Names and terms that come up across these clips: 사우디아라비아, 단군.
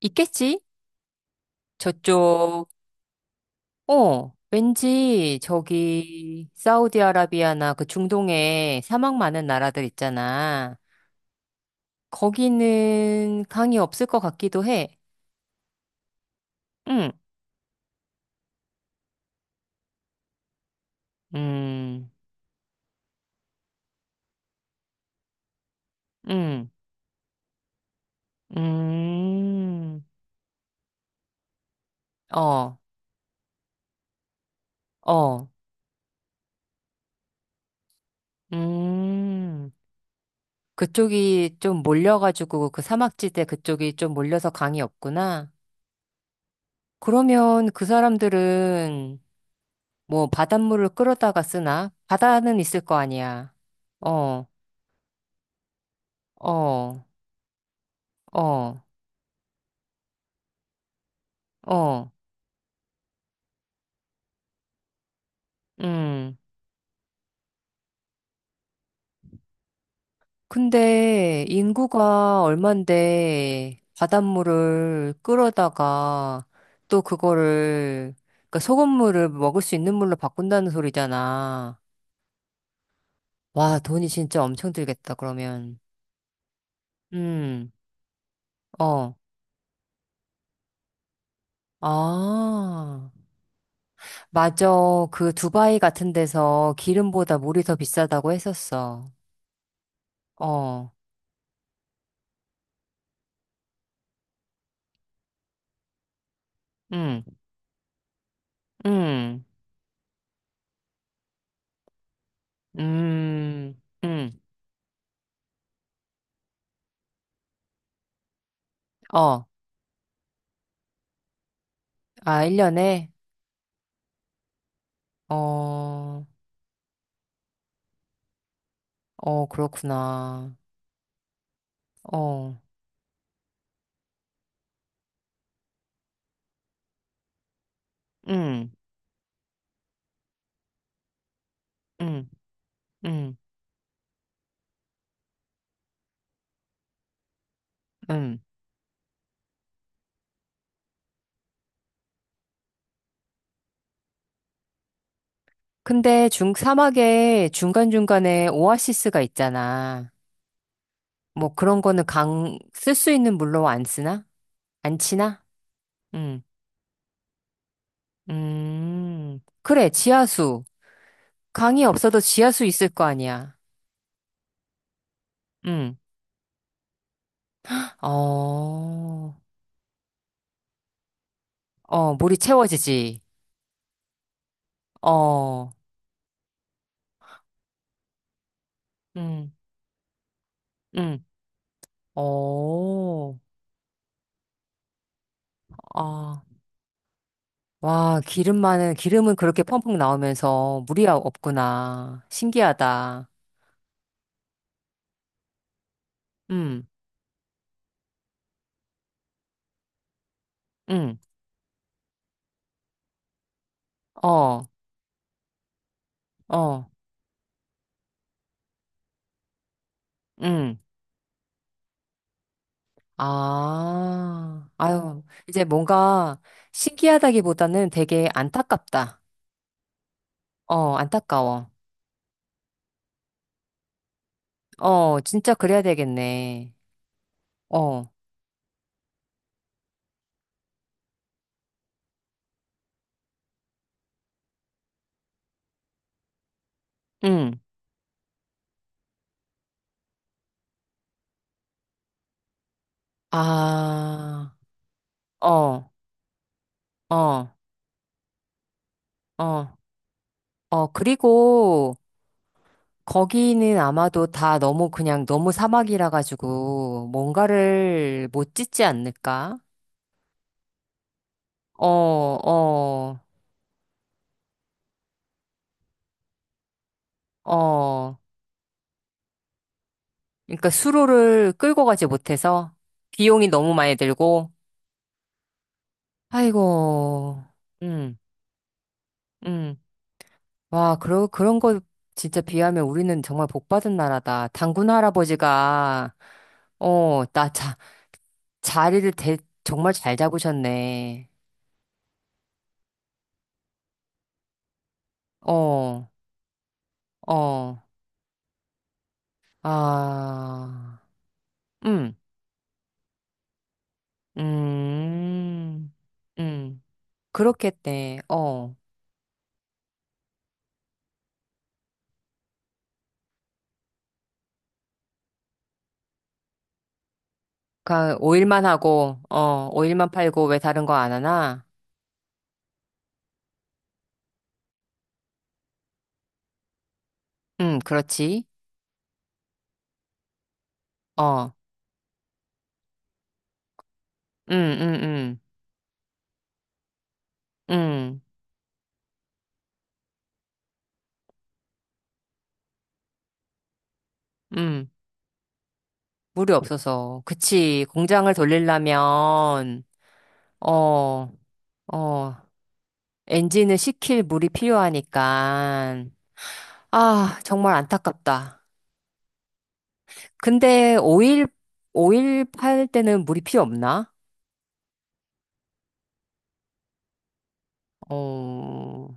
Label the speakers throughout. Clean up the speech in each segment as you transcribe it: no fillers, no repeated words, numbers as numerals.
Speaker 1: 있겠지? 저쪽, 어, 왠지 저기, 사우디아라비아나 그 중동에 사막 많은 나라들 있잖아. 거기는 강이 없을 것 같기도 해. 응, 음, 음, 음, 어, 어, 음. 그쪽이 좀 몰려가지고 그 사막지대 그쪽이 좀 몰려서 강이 없구나. 그러면 그 사람들은 뭐 바닷물을 끌어다가 쓰나? 바다는 있을 거 아니야. 어, 어, 어, 어, 음. 근데 인구가 얼만데 바닷물을 끌어다가 또 그거를 그러니까 소금물을 먹을 수 있는 물로 바꾼다는 소리잖아. 와, 돈이 진짜 엄청 들겠다, 그러면. 음, 어. 아, 맞아. 그 두바이 같은 데서 기름보다 물이 더 비싸다고 했었어. 어, 음, 음, 음, 음, 어, 아, 1년에? 어, 어, 그렇구나. 어, 음, 음, 음, 음. 근데 중, 사막에 중간중간에 오아시스가 있잖아. 뭐 그런 거는 강, 쓸 수 있는 물로 안 쓰나? 안 치나? 음, 그래, 지하수. 강이 없어도 지하수 있을 거 아니야. 음, 어, 어, 물이 채워지지. 어, 음, 음, 어, 아, 와, 기름만은, 기름은 그렇게 펑펑 나오면서 물이 없구나. 신기하다. 음, 음, 어, 어, 음, 아, 아유, 이제 뭔가 신기하다기보다는 되게 안타깝다. 어, 안타까워. 어, 진짜 그래야 되겠네. 어, 음, 아, 어, 어, 어, 어, 그리고, 거기는 아마도 다 너무 그냥 너무 사막이라 가지고 뭔가를 못 짓지 않을까? 어, 어, 어. 그러니까 수로를 끌고 가지 못해서 비용이 너무 많이 들고, 아이고, 음, 음. 와, 그러, 그런 거 진짜 비하면 우리는 정말 복 받은 나라다. 단군 할아버지가, 어, 나 자, 자리를 대, 정말 잘 잡으셨네. 어, 어, 아, 음. 음, 음, 그렇겠네. 어. 그 오일만 하고, 어, 오일만 팔고 왜 다른 거 안 하나? 그렇지. 어, 음, 음, 음, 음, 음. 물이 없어서. 그치. 공장을 돌리려면, 어, 어, 엔진을 식힐 물이 필요하니까. 아, 정말 안타깝다. 근데 오일, 오일 팔 때는 물이 필요 없나? 어,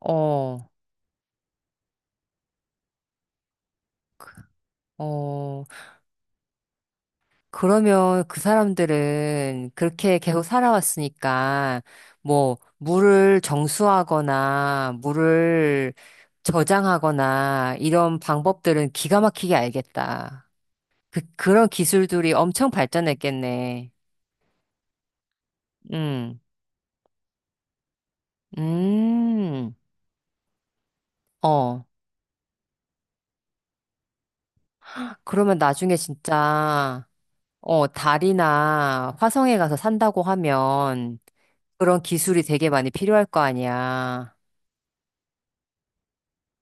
Speaker 1: 어. 어, 그러면 그 사람들은 그렇게 계속 살아왔으니까, 뭐, 물을 정수하거나, 물을 저장하거나, 이런 방법들은 기가 막히게 알겠다. 그런 기술들이 엄청 발전했겠네. 음, 음, 어. 그러면 나중에 진짜, 어, 달이나 화성에 가서 산다고 하면, 그런 기술이 되게 많이 필요할 거 아니야.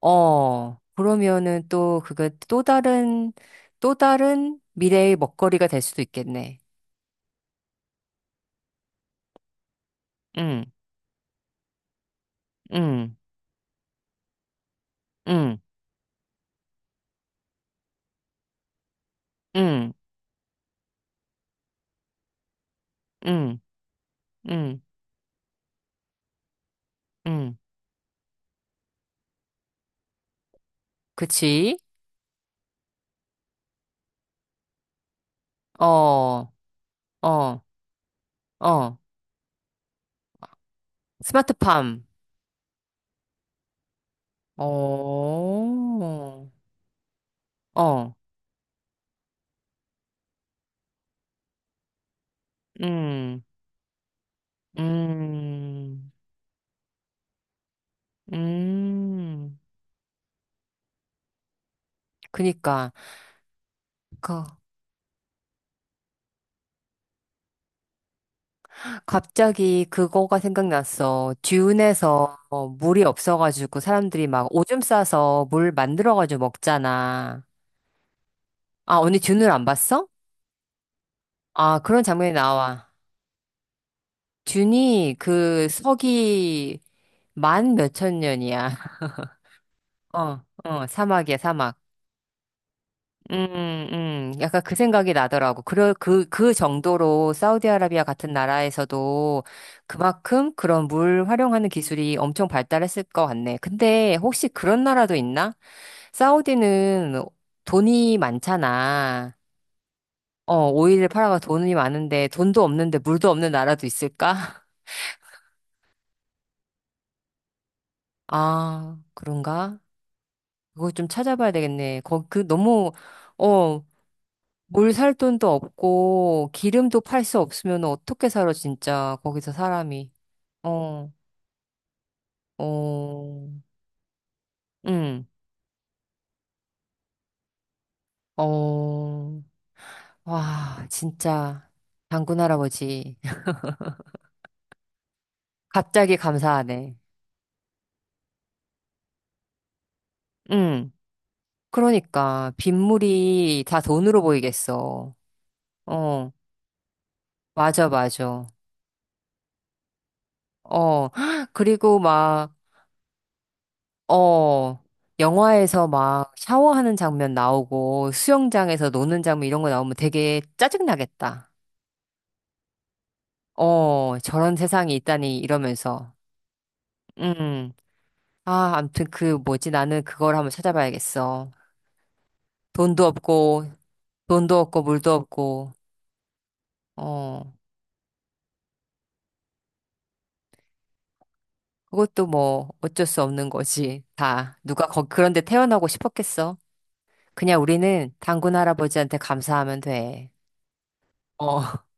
Speaker 1: 어, 그러면은 또 그거 또 다른, 또 다른 미래의 먹거리가 될 수도 있겠네. 응, 응, 응, 응, 응, 응, 응. 그치? 어, 어, 어. 스마트팜. 어, 어, 음, 음, 음. 그니까, 그, 갑자기 그거가 생각났어. 듀운에서 어, 물이 없어가지고 사람들이 막 오줌 싸서 물 만들어가지고 먹잖아. 아, 언니 듄을 안 봤어? 아, 그런 장면이 나와. 듄이 그 서기 만 몇천 년이야. 어, 어, 사막이야, 사막. 약간 그 생각이 나더라고. 그 정도로 사우디아라비아 같은 나라에서도 그만큼 그런 물 활용하는 기술이 엄청 발달했을 것 같네. 근데 혹시 그런 나라도 있나? 사우디는 돈이 많잖아. 어, 오일을 팔아가 돈이 많은데 돈도 없는데 물도 없는 나라도 있을까? 아, 그런가? 그거 좀 찾아봐야 되겠네. 그 너무, 어, 뭘 살 돈도 없고, 기름도 팔 수 없으면 어떻게 살아, 진짜. 거기서 사람이. 어, 어, 응, 어, 와, 진짜. 장군 할아버지. 갑자기 감사하네. 응, 그러니까. 빗물이 다 돈으로 보이겠어. 어, 맞아, 맞아. 어, 그리고 막, 어, 영화에서 막 샤워하는 장면 나오고 수영장에서 노는 장면 이런 거 나오면 되게 짜증나겠다. 어, 저런 세상이 있다니 이러면서. 음. 아, 암튼 그 뭐지? 나는 그걸 한번 찾아봐야겠어. 돈도 없고, 돈도 없고, 물도 없고, 어, 그것도 뭐 어쩔 수 없는 거지. 다. 누가 거, 그런데 태어나고 싶었겠어? 그냥 우리는 단군 할아버지한테 감사하면 돼. 어.